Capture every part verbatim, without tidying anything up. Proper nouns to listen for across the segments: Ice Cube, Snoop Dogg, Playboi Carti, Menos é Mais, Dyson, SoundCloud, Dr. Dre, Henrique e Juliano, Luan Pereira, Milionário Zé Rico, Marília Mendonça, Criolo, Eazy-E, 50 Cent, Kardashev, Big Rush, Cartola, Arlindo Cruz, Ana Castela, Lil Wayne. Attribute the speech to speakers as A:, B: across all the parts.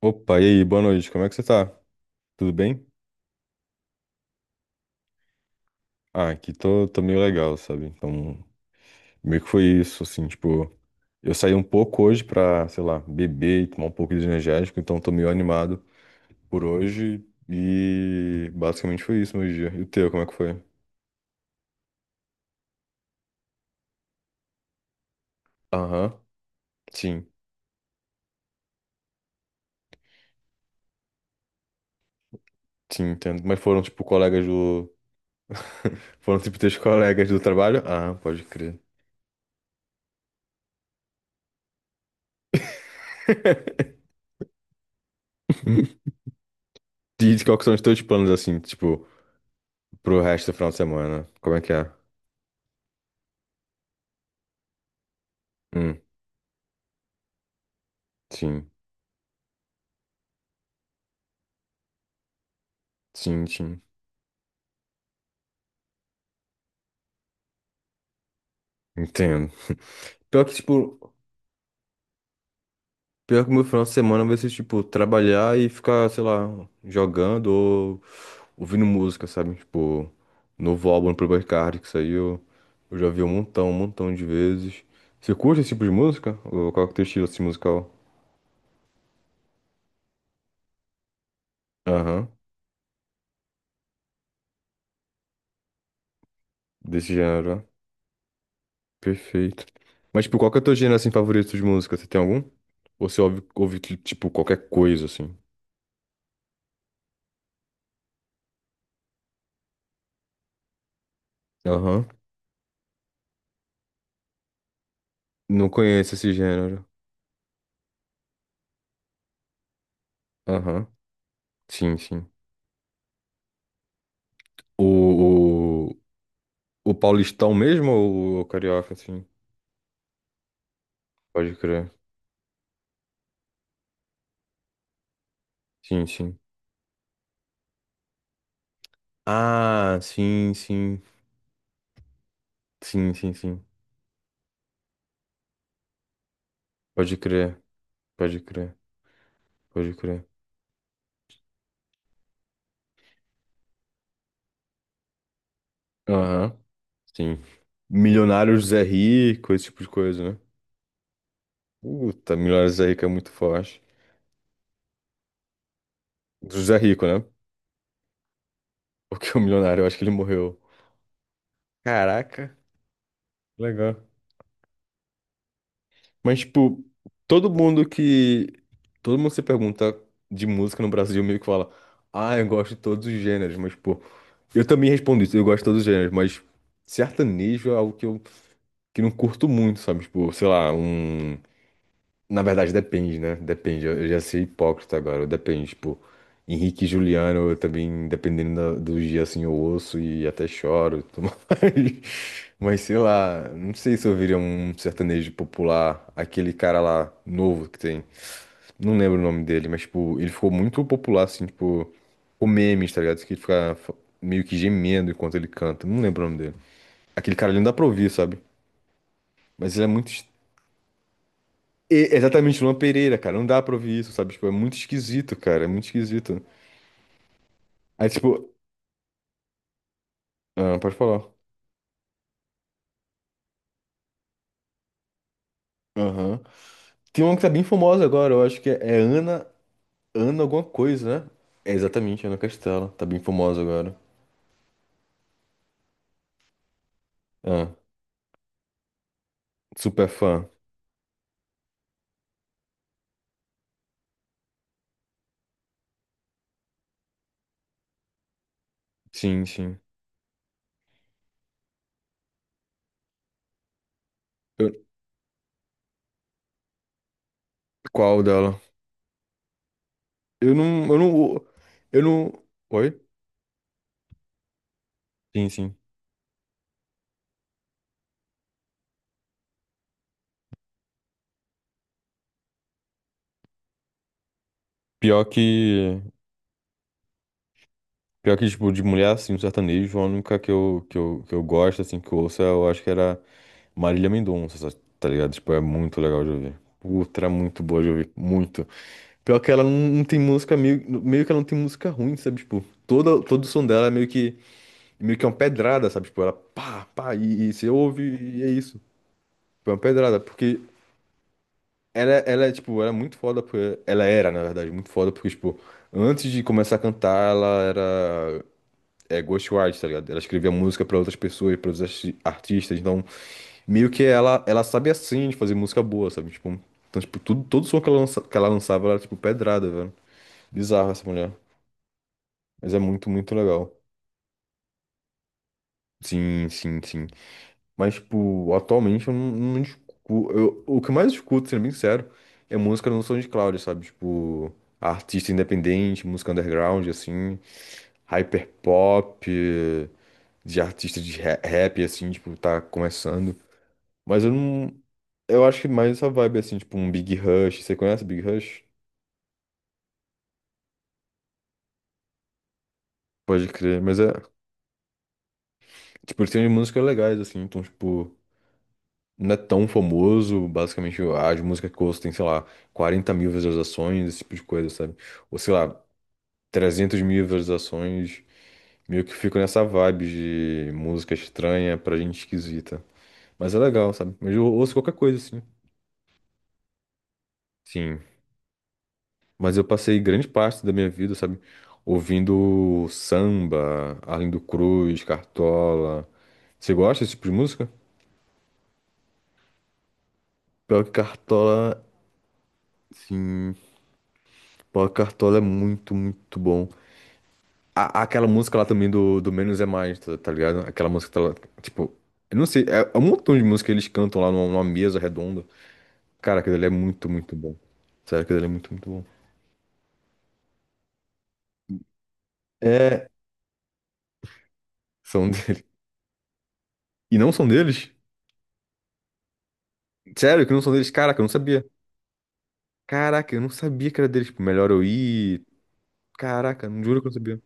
A: Opa, e aí, boa noite, como é que você tá? Tudo bem? Ah, aqui tô, tô meio legal, sabe? Então, meio que foi isso, assim, tipo, eu saí um pouco hoje pra, sei lá, beber e tomar um pouco de energético, então tô meio animado por hoje e basicamente foi isso meu dia. E o teu, como é que foi? Aham, sim, sim, entendo. Mas foram, tipo, colegas do. Foram, tipo, teus colegas do trabalho? Ah, pode crer. E qual que são os teus planos, assim, tipo, pro resto do final de semana? Como é que é? Hum. Sim, sim, sim. Entendo. Pior que, tipo, pior que o meu final de semana vai ser, tipo, trabalhar e ficar, sei lá, jogando ou ouvindo música, sabe? Tipo, novo álbum do Playboi Carti, que saiu, eu já vi um montão, um montão de vezes. Você curte esse tipo de música? Ou qual que é o teu estilo, assim, musical? Aham, desse gênero, ó. Perfeito. Mas, tipo, qual que é o teu gênero, assim, favorito de música? Você tem algum? Ou você ouve, ouve, tipo, qualquer coisa, assim? Aham, não conheço esse gênero. Aham. Sim, sim. O, o, o paulistão mesmo ou o carioca, sim? Pode crer. Sim, sim. Ah, sim, sim. Sim, sim, sim. Pode crer. Pode crer. Pode crer. Aham. Sim. Milionário Zé Rico, esse tipo de coisa, né? Puta, Milionário Zé Rico é muito forte. Do Zé Rico, né? Porque o milionário, eu acho que ele morreu. Caraca. Legal. Mas, tipo, todo mundo que. Todo mundo que se pergunta de música no Brasil meio que fala, ah, eu gosto de todos os gêneros, mas, pô, eu também respondo isso, eu gosto de todos os gêneros, mas sertanejo é algo que eu que não curto muito, sabe? Tipo, sei lá, um. Na verdade, depende, né? Depende. Eu eu já sei hipócrita agora. Depende, tipo, Henrique e Juliano, eu também, dependendo da- do dia, assim, eu ouço e até choro e tudo mais. Mas sei lá, não sei se eu ouviria um sertanejo popular, aquele cara lá novo que tem. Não lembro o nome dele, mas, tipo, ele ficou muito popular, assim, tipo, com memes, tá ligado? Que ele fica fa- meio que gemendo enquanto ele canta. Não lembro o nome dele. Aquele cara ali não dá pra ouvir, sabe? Mas ele é muito, E- exatamente, Luan Pereira, cara. Não dá pra ouvir isso, sabe? Tipo, é muito esquisito, cara. É muito esquisito. Aí, tipo, ah, pode falar. Aham. Tem uma que tá bem famosa agora, eu acho que é, é Ana. Ana alguma coisa, né? É exatamente, Ana Castela. Tá bem famosa agora. Ah, super fã. Sim, sim. Eu- qual dela? Eu não. Eu não. Eu não. Oi? Sim, sim. Pior que. Pior que, tipo, de mulher, assim, no sertanejo, a única que eu, que eu, que eu gosto, assim, que eu ouço, eu acho que era Marília Mendonça, sa- tá ligado? Tipo, é muito legal de ouvir. Puta, era muito boa de ouvir, muito. Pior que ela não, não tem música, meio, meio que ela não tem música ruim, sabe? Tipo, toda, todo o som dela é meio que, meio que é uma pedrada, sabe? Tipo, ela pá, pá, e, e você ouve e é isso. Tipo, é uma pedrada, porque ela, ela é, tipo, ela é muito foda, porque ela era, na verdade, muito foda, porque, tipo, antes de começar a cantar, ela era é ghostwriter, tá ligado? Ela escrevia música pra outras pessoas, pra outros arti- artistas, então meio que ela ela sabe assim de fazer música boa, sabe? Tipo, então tipo, tudo todo som que ela lança- que ela lançava era tipo pedrada, velho. Bizarra essa mulher, mas é muito muito legal. Sim, sim, sim. Mas tipo, atualmente eu não, não escuto, eu, o que eu mais escuto, sendo bem sincero, é música no SoundCloud, sabe? Tipo, artista independente, música underground assim, hyperpop, de artista de ra- rap assim, tipo, tá começando. Mas eu não. Eu acho que mais essa vibe, assim, tipo, um Big Rush. Você conhece Big Rush? Pode crer, mas é. Tipo, eles têm umas músicas legais, assim, então, tipo, não é tão famoso. Basicamente, as músicas que eu ouço tem, sei lá, quarenta mil visualizações, esse tipo de coisa, sabe? Ou sei lá, trezentas mil visualizações. Meio que fico nessa vibe de música estranha pra gente esquisita. Mas é legal, sabe? Mas eu ouço qualquer coisa, assim. Sim. Mas eu passei grande parte da minha vida, sabe, ouvindo samba, Arlindo Cruz, Cartola. Você gosta desse tipo de música? Pior que Cartola, sim. Pior que Cartola é muito, muito bom. A, aquela música lá também do, do Menos é Mais, tá, tá ligado? Aquela música que tá lá, tipo, eu não sei, é, é um montão de música que eles cantam lá numa, numa mesa redonda. Cara, aquilo ali é muito, muito bom. Sério, aquilo ali é muito, muito bom. É, são dele. E não são deles? Sério que não são deles? Caraca, eu não sabia. Caraca, eu não sabia que era deles. Tipo, melhor eu ir. Caraca, não juro que eu não sabia.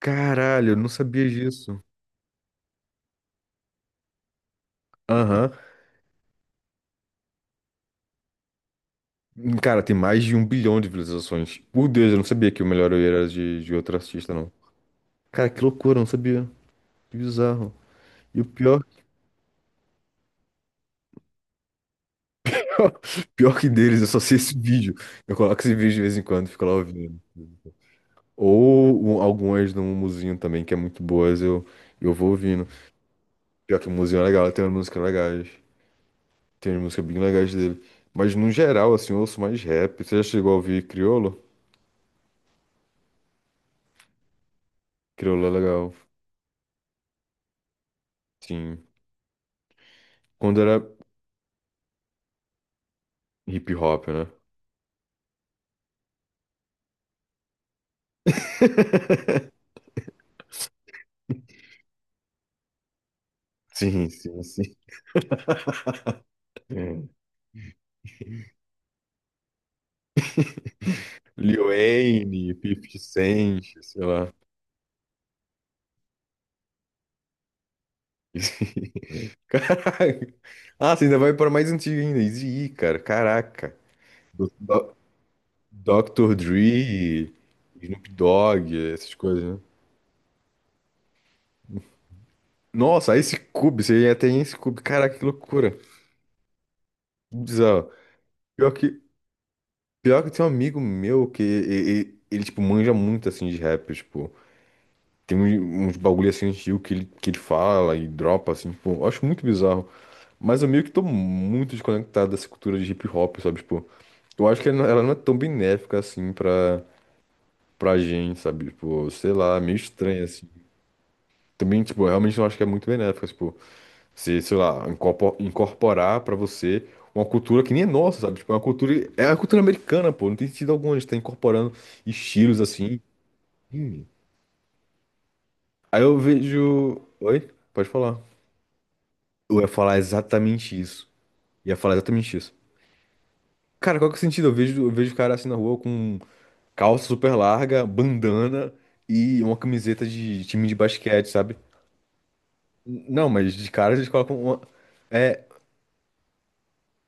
A: Caralho, eu não sabia disso. Aham. Hum. Cara, tem mais de um bilhão de visualizações. Meu Deus, eu não sabia que o melhor eu ir era de, de outro artista, não. Cara, que loucura, eu não sabia. Que bizarro. E o pior, pior que deles, eu só sei esse vídeo. Eu coloco esse vídeo de vez em quando e fico lá ouvindo. Ou um- algumas no Muzinho também, que é muito boas, eu, eu vou ouvindo. Pior que o Muzinho é legal, tem umas músicas legais. Tem umas músicas bem legais dele. Mas no geral, assim, eu ouço mais rap. Você já chegou a ouvir Criolo? Criolo é legal. Sim. Quando era hip hop, né? Sim, sim, sim. Lil Wayne, fifty Cent, sei lá. Caraca. Ah, você ainda vai para mais antigo ainda. Eazy-E, cara. Caraca. Do- Do- doctor Dre, Snoop Dogg, essas coisas, né? Nossa, Ice Cube. Você até Ice Cube. Caraca, que loucura. Que bizarro. Pior que Pior que tem um amigo meu que e- e- ele, tipo, manja muito, assim, de rap, tipo... Tem um- uns bagulho, assim, antigo que ele, que ele fala e dropa, assim, tipo... Eu acho muito bizarro. Mas eu meio que tô muito desconectado dessa cultura de hip hop, sabe? Tipo, eu acho que ela não ela não é tão benéfica, assim, pra, pra gente, sabe? Tipo, sei lá, é meio estranha, assim. Também, tipo, eu realmente não acho que é muito benéfica, tipo... Se, sei lá, incorpo- incorporar pra você uma cultura que nem é nossa, sabe? Tipo, é uma cultura... É a cultura americana, pô. Não tem sentido algum a gente tá incorporando estilos assim. Hum. Aí eu vejo. Oi? Pode falar. Eu ia falar exatamente isso. Ia falar exatamente isso. Cara, qual que é o sentido? Eu vejo, eu vejo cara assim na rua com calça super larga, bandana e uma camiseta de time de basquete, sabe? N- Não, mas de cara eles colocam uma. É,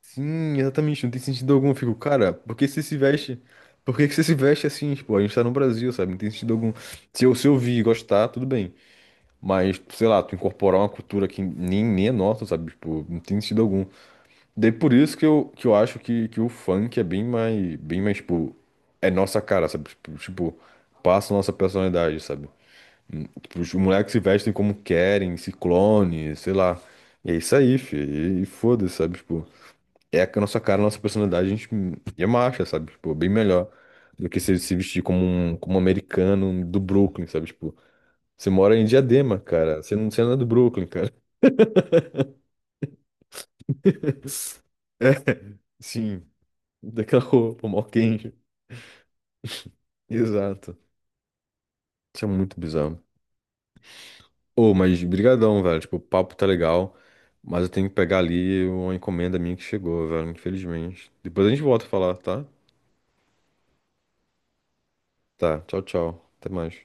A: sim, exatamente. Não tem sentido algum. Eu fico, cara, por que você se veste? Por que que você se veste é assim? Tipo, a gente tá no Brasil, sabe? Não tem sentido algum. Se eu, se eu vi e gostar, tudo bem. Mas, sei lá, tu incorporar uma cultura que nem, nem é nossa, sabe? Tipo, não tem sentido algum. Daí por isso que eu, que eu acho que, que o funk é bem mais, bem mais, tipo, é nossa cara, sabe? Tipo, tipo, passa a nossa personalidade, sabe? Hum. Tipo, os moleques se vestem como querem, ciclone, sei lá. E é isso aí, fi. E, e foda-se, sabe? Tipo, é a nossa cara, a nossa personalidade, a gente é marcha, sabe? Tipo, bem melhor do que se, se vestir como um, como um, americano do Brooklyn, sabe? Tipo, você mora em Diadema, cara. Você não, você não é do Brooklyn, cara. É, sim. Daquela roupa, mó quente. Exato. Isso é muito bizarro. Ô, mas brigadão, velho. Tipo, o papo tá legal, mas eu tenho que pegar ali uma encomenda minha que chegou, velho, infelizmente. Depois a gente volta a falar, tá? Tá, tchau, tchau. Até mais.